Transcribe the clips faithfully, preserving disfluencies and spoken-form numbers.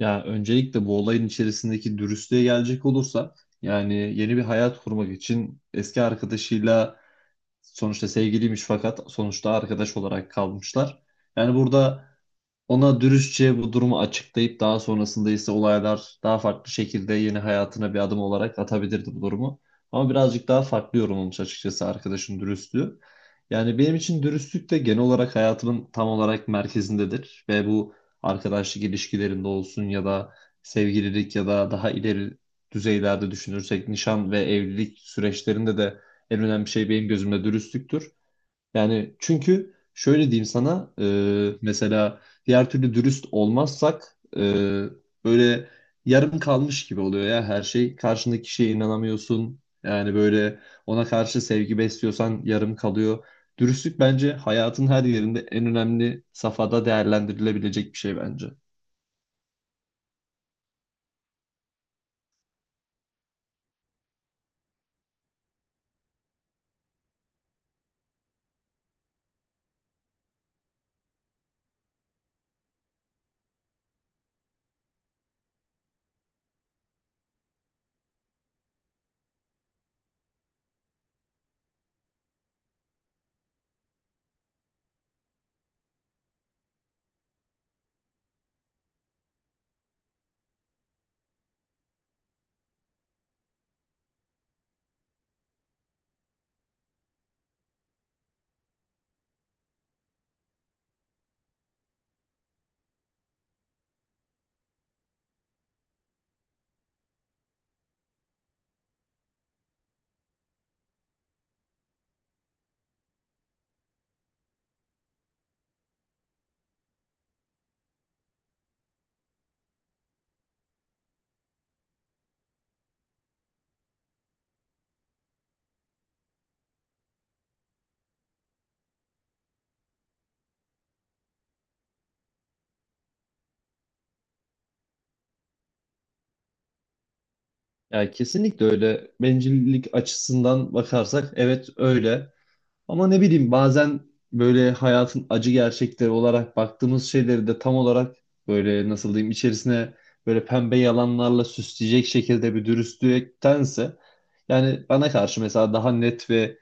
Ya öncelikle bu olayın içerisindeki dürüstlüğe gelecek olursa yani yeni bir hayat kurmak için eski arkadaşıyla sonuçta sevgiliymiş, fakat sonuçta arkadaş olarak kalmışlar. Yani burada ona dürüstçe bu durumu açıklayıp daha sonrasında ise olaylar daha farklı şekilde yeni hayatına bir adım olarak atabilirdi bu durumu. Ama birazcık daha farklı yorumlamış açıkçası arkadaşın dürüstlüğü. Yani benim için dürüstlük de genel olarak hayatımın tam olarak merkezindedir. Ve bu arkadaşlık ilişkilerinde olsun ya da sevgililik ya da daha ileri düzeylerde düşünürsek nişan ve evlilik süreçlerinde de en önemli şey benim gözümde dürüstlüktür. Yani çünkü şöyle diyeyim sana, e, mesela diğer türlü dürüst olmazsak e, böyle yarım kalmış gibi oluyor ya her şey. Karşındaki kişiye inanamıyorsun. Yani böyle ona karşı sevgi besliyorsan yarım kalıyor. Dürüstlük bence hayatın her yerinde en önemli safhada değerlendirilebilecek bir şey bence. Yani kesinlikle öyle. Bencillik açısından bakarsak evet öyle. Ama ne bileyim, bazen böyle hayatın acı gerçekleri olarak baktığımız şeyleri de tam olarak böyle, nasıl diyeyim, içerisine böyle pembe yalanlarla süsleyecek şekilde bir dürüstlüktense, yani bana karşı mesela daha net ve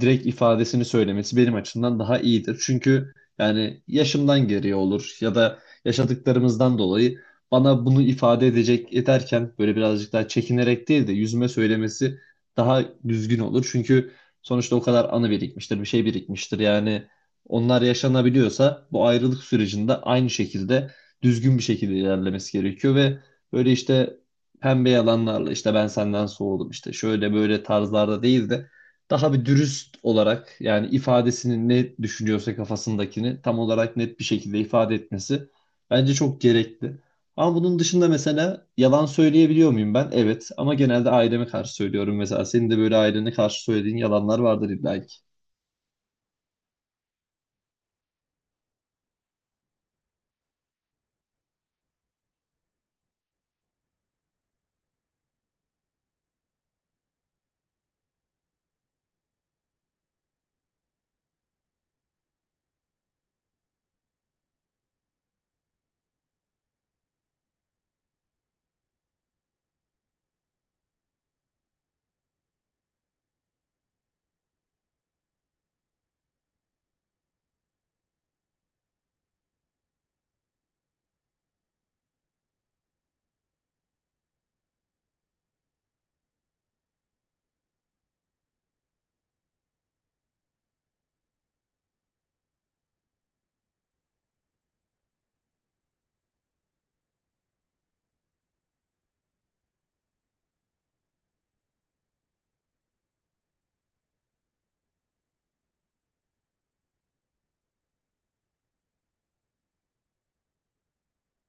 direkt ifadesini söylemesi benim açımdan daha iyidir. Çünkü yani yaşımdan geriye olur ya da yaşadıklarımızdan dolayı bana bunu ifade edecek, ederken böyle birazcık daha çekinerek değil de yüzüme söylemesi daha düzgün olur. Çünkü sonuçta o kadar anı birikmiştir, bir şey birikmiştir. Yani onlar yaşanabiliyorsa bu ayrılık sürecinde aynı şekilde düzgün bir şekilde ilerlemesi gerekiyor ve böyle işte pembe yalanlarla, işte ben senden soğudum, işte şöyle böyle tarzlarda değil de daha bir dürüst olarak, yani ifadesini ne düşünüyorsa, kafasındakini tam olarak net bir şekilde ifade etmesi bence çok gerekli. Ama bunun dışında mesela yalan söyleyebiliyor muyum ben? Evet, ama genelde aileme karşı söylüyorum mesela. Senin de böyle ailene karşı söylediğin yalanlar vardır illa ki.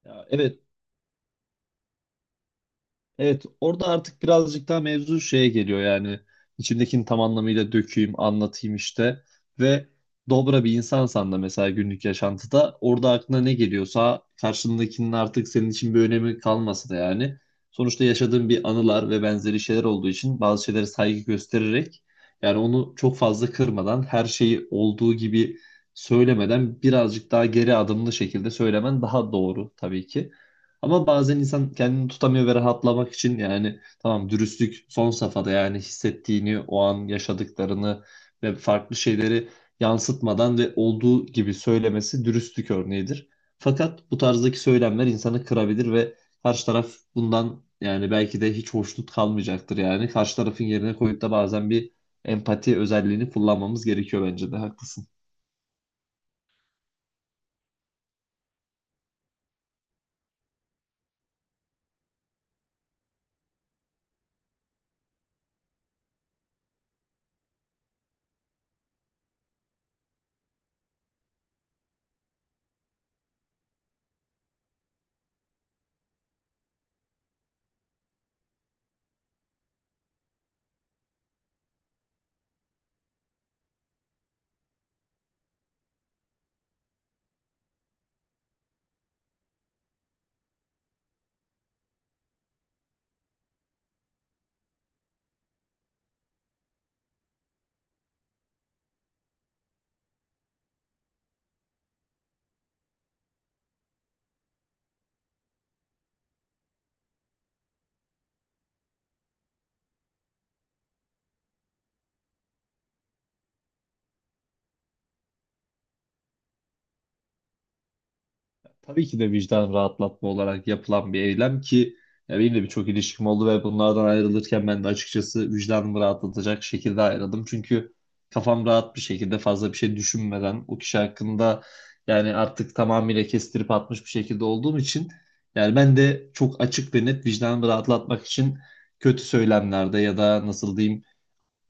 Ya, evet. Evet, orada artık birazcık daha mevzu şeye geliyor yani, içimdekini tam anlamıyla dökeyim, anlatayım işte. Ve dobra bir insansan da mesela günlük yaşantıda, orada aklına ne geliyorsa, karşındakinin artık senin için bir önemi kalmasa da yani sonuçta yaşadığın bir anılar ve benzeri şeyler olduğu için bazı şeylere saygı göstererek, yani onu çok fazla kırmadan, her şeyi olduğu gibi söylemeden birazcık daha geri adımlı şekilde söylemen daha doğru tabii ki. Ama bazen insan kendini tutamıyor ve rahatlamak için, yani tamam, dürüstlük son safhada yani hissettiğini, o an yaşadıklarını ve farklı şeyleri yansıtmadan ve olduğu gibi söylemesi dürüstlük örneğidir. Fakat bu tarzdaki söylemler insanı kırabilir ve karşı taraf bundan, yani belki de hiç hoşnut kalmayacaktır yani. Karşı tarafın yerine koyup da bazen bir empati özelliğini kullanmamız gerekiyor, bence de haklısın. Tabii ki de vicdan rahatlatma olarak yapılan bir eylem ki, ya benim de birçok ilişkim oldu ve bunlardan ayrılırken ben de açıkçası vicdanımı rahatlatacak şekilde ayrıldım. Çünkü kafam rahat bir şekilde, fazla bir şey düşünmeden o kişi hakkında, yani artık tamamıyla kestirip atmış bir şekilde olduğum için, yani ben de çok açık ve net vicdanımı rahatlatmak için kötü söylemlerde ya da, nasıl diyeyim,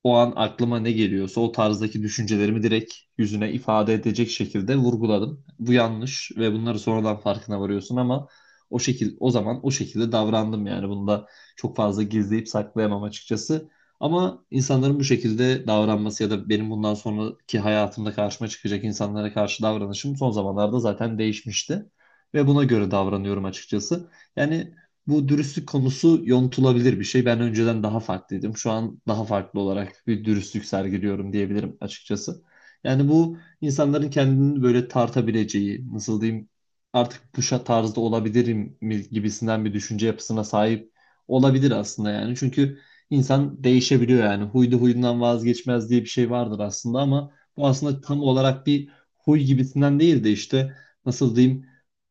o an aklıma ne geliyorsa o tarzdaki düşüncelerimi direkt yüzüne ifade edecek şekilde vurguladım. Bu yanlış ve bunları sonradan farkına varıyorsun, ama o şekil, o zaman o şekilde davrandım yani, bunu da çok fazla gizleyip saklayamam açıkçası. Ama insanların bu şekilde davranması ya da benim bundan sonraki hayatımda karşıma çıkacak insanlara karşı davranışım son zamanlarda zaten değişmişti ve buna göre davranıyorum açıkçası. Yani bu dürüstlük konusu yontulabilir bir şey. Ben önceden daha farklıydım. Şu an daha farklı olarak bir dürüstlük sergiliyorum diyebilirim açıkçası. Yani bu, insanların kendini böyle tartabileceği, nasıl diyeyim, artık bu şa- tarzda olabilirim mi gibisinden bir düşünce yapısına sahip olabilir aslında yani. Çünkü insan değişebiliyor yani. Huydu huyundan vazgeçmez diye bir şey vardır aslında, ama bu aslında tam olarak bir huy gibisinden değil de, işte nasıl diyeyim,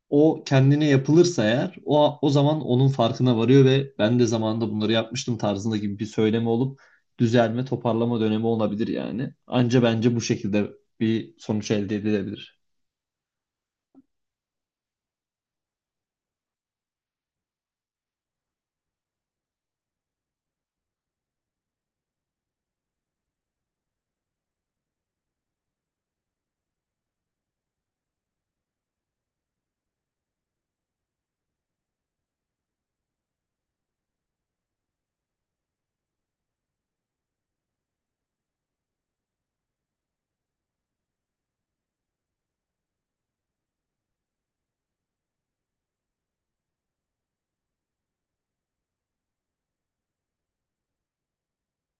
o kendine yapılırsa eğer o o zaman onun farkına varıyor ve ben de zamanında bunları yapmıştım tarzında gibi bir söyleme olup düzelme, toparlama dönemi olabilir yani. Anca bence bu şekilde bir sonuç elde edilebilir.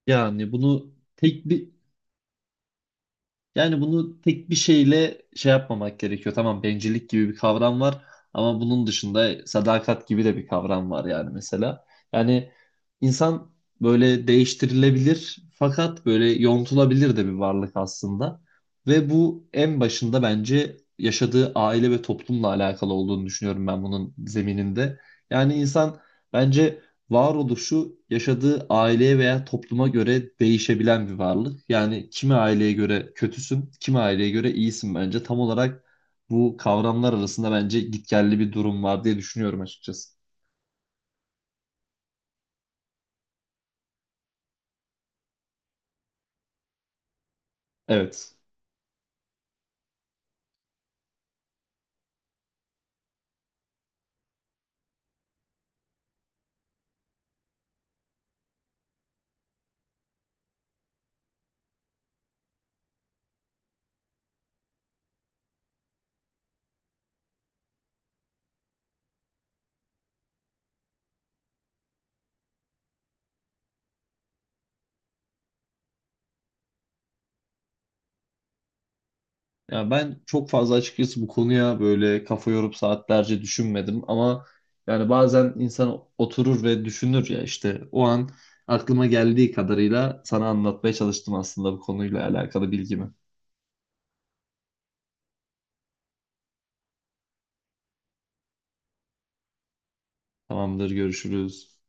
Yani bunu tek bir Yani bunu tek bir şeyle şey yapmamak gerekiyor. Tamam, bencillik gibi bir kavram var ama bunun dışında sadakat gibi de bir kavram var yani, mesela. Yani insan böyle değiştirilebilir, fakat böyle yontulabilir de bir varlık aslında. Ve bu en başında bence yaşadığı aile ve toplumla alakalı olduğunu düşünüyorum ben, bunun zemininde. Yani insan bence varoluşu yaşadığı aileye veya topluma göre değişebilen bir varlık. Yani kimi aileye göre kötüsün, kimi aileye göre iyisin bence. Tam olarak bu kavramlar arasında bence gitgelli bir durum var diye düşünüyorum açıkçası. Evet. Ya ben çok fazla açıkçası bu konuya böyle kafa yorup saatlerce düşünmedim, ama yani bazen insan oturur ve düşünür ya, işte o an aklıma geldiği kadarıyla sana anlatmaya çalıştım aslında bu konuyla alakalı bilgimi. Tamamdır, görüşürüz.